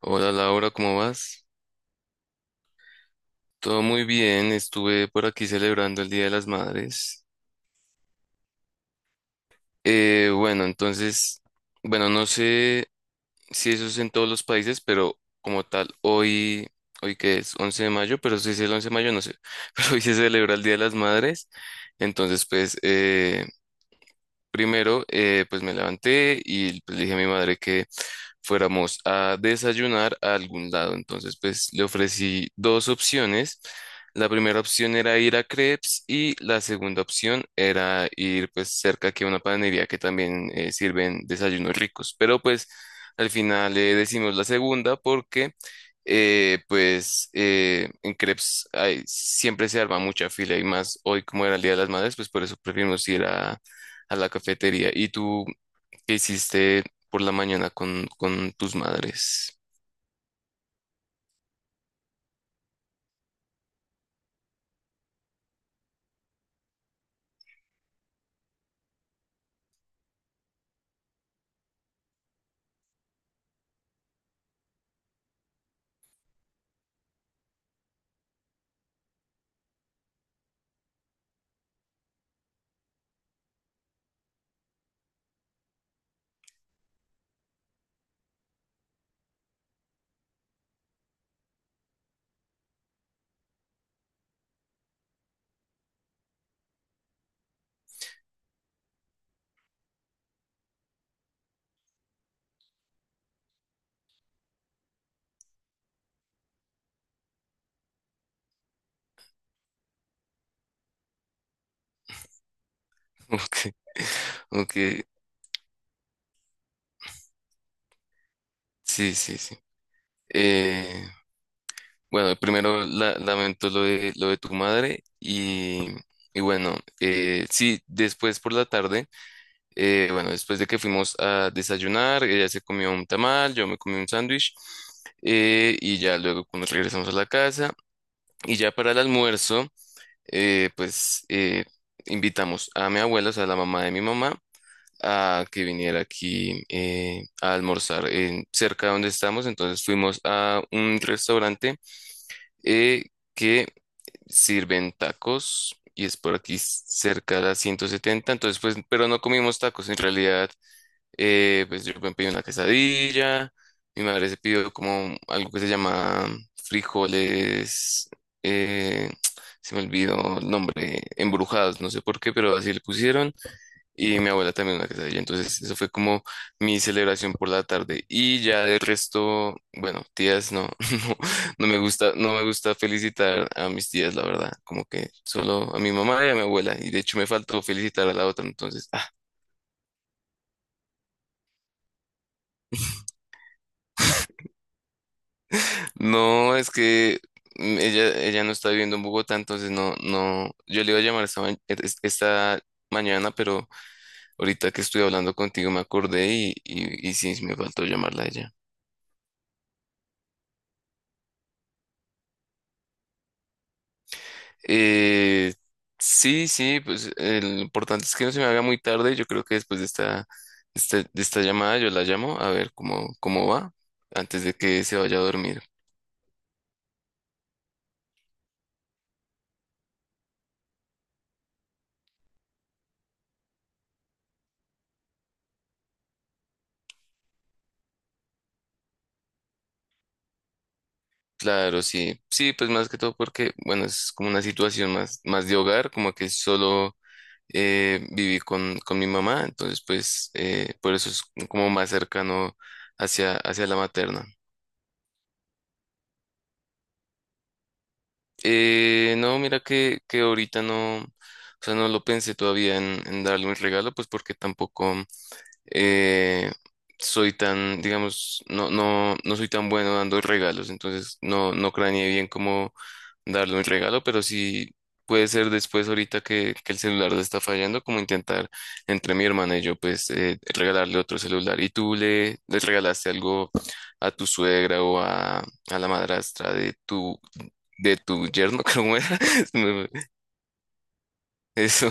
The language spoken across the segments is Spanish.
Hola Laura, ¿cómo vas? Todo muy bien, estuve por aquí celebrando el Día de las Madres. Eh, bueno, entonces, bueno, no sé si eso es en todos los países, pero como tal, hoy, hoy que es 11 de mayo, pero si es el 11 de mayo, no sé, pero hoy se celebra el Día de las Madres. Entonces, pues, eh, Primero, pues me levanté y, pues, le dije a mi madre que fuéramos a desayunar a algún lado. Entonces, pues, le ofrecí dos opciones. La primera opción era ir a Crepes y la segunda opción era ir, pues, cerca aquí a una panadería que también sirven desayunos ricos. Pero, pues, al final le decimos la segunda porque en Crepes siempre se arma mucha fila y más hoy, como era el Día de las Madres, pues por eso preferimos ir a la cafetería. ¿Y tú qué hiciste por la mañana con tus madres? Ok, ok, sí, sí, sí. Eh, bueno, lamento lo de tu madre, y bueno, sí, después por la tarde, bueno, después de que fuimos a desayunar, ella se comió un tamal, yo me comí un sándwich, y ya luego nos regresamos a la casa y ya para el almuerzo. eh, pues eh, Invitamos a mi abuela, o sea, la mamá de mi mamá, a que viniera aquí a almorzar cerca de donde estamos. Entonces fuimos a un restaurante eh, que sirven tacos y es por aquí cerca de la 170. Entonces, pues, pero no comimos tacos en realidad. Pues yo me pedí una quesadilla, mi madre se pidió como algo que se llama frijoles, eh, se me olvidó el nombre, embrujados, no sé por qué, pero así le pusieron, y mi abuela también una quesadilla. Entonces, eso fue como mi celebración por la tarde, y ya del resto, bueno, tías no, no, no me gusta, no me gusta felicitar a mis tías, la verdad, como que solo a mi mamá y a mi abuela, y de hecho me faltó felicitar a la otra, entonces, ah. No, es que ella, ella no está viviendo en Bogotá, entonces no, no, yo le iba a llamar esta, ma- e, es- esta mañana, pero ahorita que estoy hablando contigo me acordé y sí, sí me faltó llamarla a ella. Eh, sí, sí, pues, lo importante es que no se me haga muy tarde. Yo creo que después de de esta llamada yo la llamo a ver cómo, cómo va antes de que se vaya a dormir. Claro, sí, sí, pues más que todo porque, bueno, es como una situación más, más de hogar, como que solo viví con mi mamá, entonces, pues, por eso es como más cercano hacia, hacia la materna. No, mira que ahorita no, o sea, no lo pensé todavía en darle un regalo, pues porque tampoco eh, soy tan, digamos, no, no, no soy tan bueno dando regalos. Entonces no, no craneé bien cómo darle un regalo, pero sí puede ser después, ahorita que el celular le está fallando, como intentar entre mi hermana y yo, pues, regalarle otro celular. ¿Y tú le, le regalaste algo a tu suegra o a la madrastra de tu yerno, ¿cómo era? Se me fue. Eso,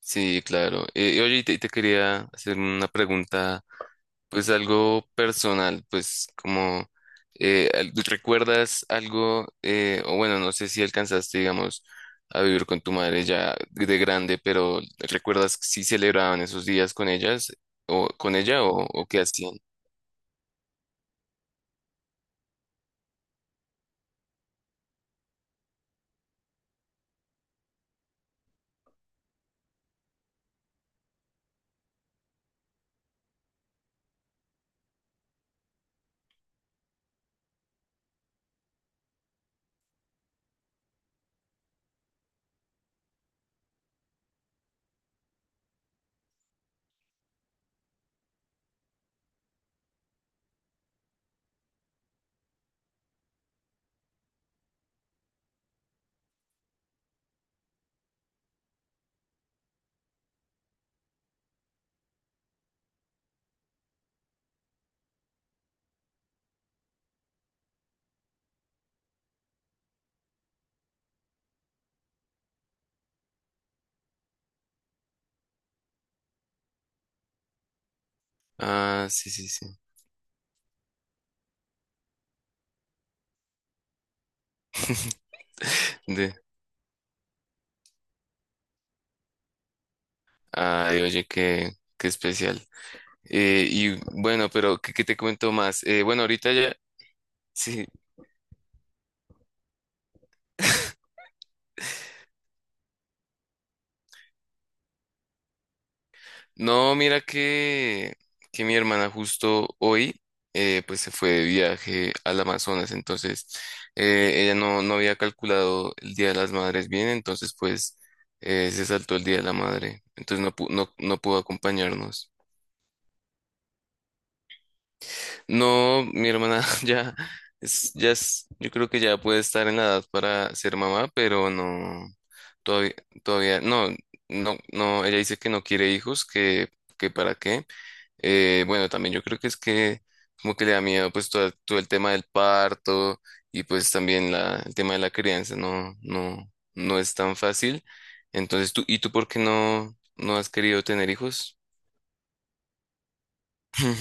sí, claro. Y oye, y te quería hacer una pregunta, pues algo personal, pues como, ¿recuerdas algo, o bueno, no sé si alcanzaste, digamos, a vivir con tu madre ya de grande? Pero ¿recuerdas si celebraban esos días con ellas, o con ella, o qué hacían? Ah, sí, sí, sí. De, ay, oye, qué, qué especial. Y bueno, pero ¿qué, qué te cuento más? Bueno, ahorita ya, sí. No, mira que mi hermana justo hoy pues se fue de viaje al Amazonas. Entonces ella no, no había calculado el Día de las Madres bien, entonces, pues, se saltó el Día de la Madre. Entonces no, no, no pudo acompañarnos. No, mi hermana ya es, yo creo que ya puede estar en la edad para ser mamá, pero no, todavía, todavía, no, no, no, ella dice que no quiere hijos, que para qué. Bueno, también yo creo que es que como que le da miedo, pues, todo, todo el tema del parto y, pues, también la, el tema de la crianza. No, no, no es tan fácil. Entonces tú, ¿y tú por qué no, no has querido tener hijos?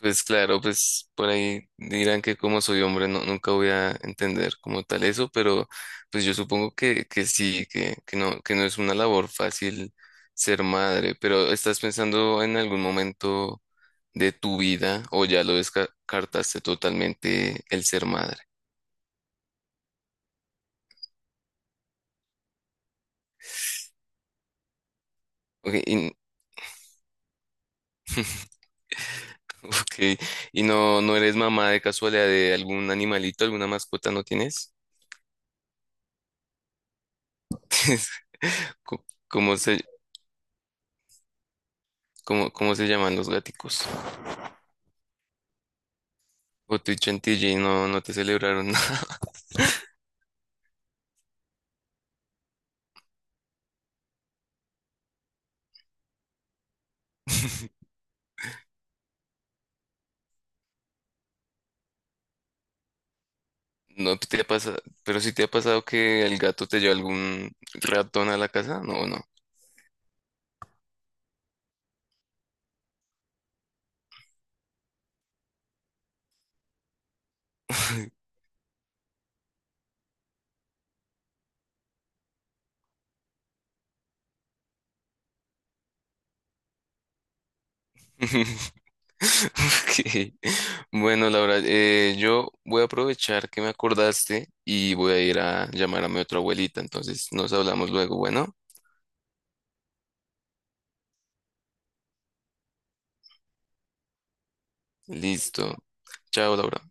Pues claro, pues por ahí dirán que como soy hombre no, nunca voy a entender como tal eso, pero pues yo supongo que sí, que no es una labor fácil ser madre. Pero ¿estás pensando en algún momento de tu vida o ya lo descartaste totalmente el ser madre? Ok, y, ok, y no, no eres mamá de casualidad de algún animalito, ¿alguna mascota no tienes? ¿Cómo cómo se, cómo, cómo se llaman los gaticos? O tu chantilly y no, no te celebraron nada. No te ha pasado, pero sí te ha pasado que el gato te lleva algún ratón a la casa. No, no. Ok. Bueno, Laura, yo voy a aprovechar que me acordaste y voy a ir a llamar a mi otra abuelita. Entonces nos hablamos luego. Bueno, listo. Chao, Laura.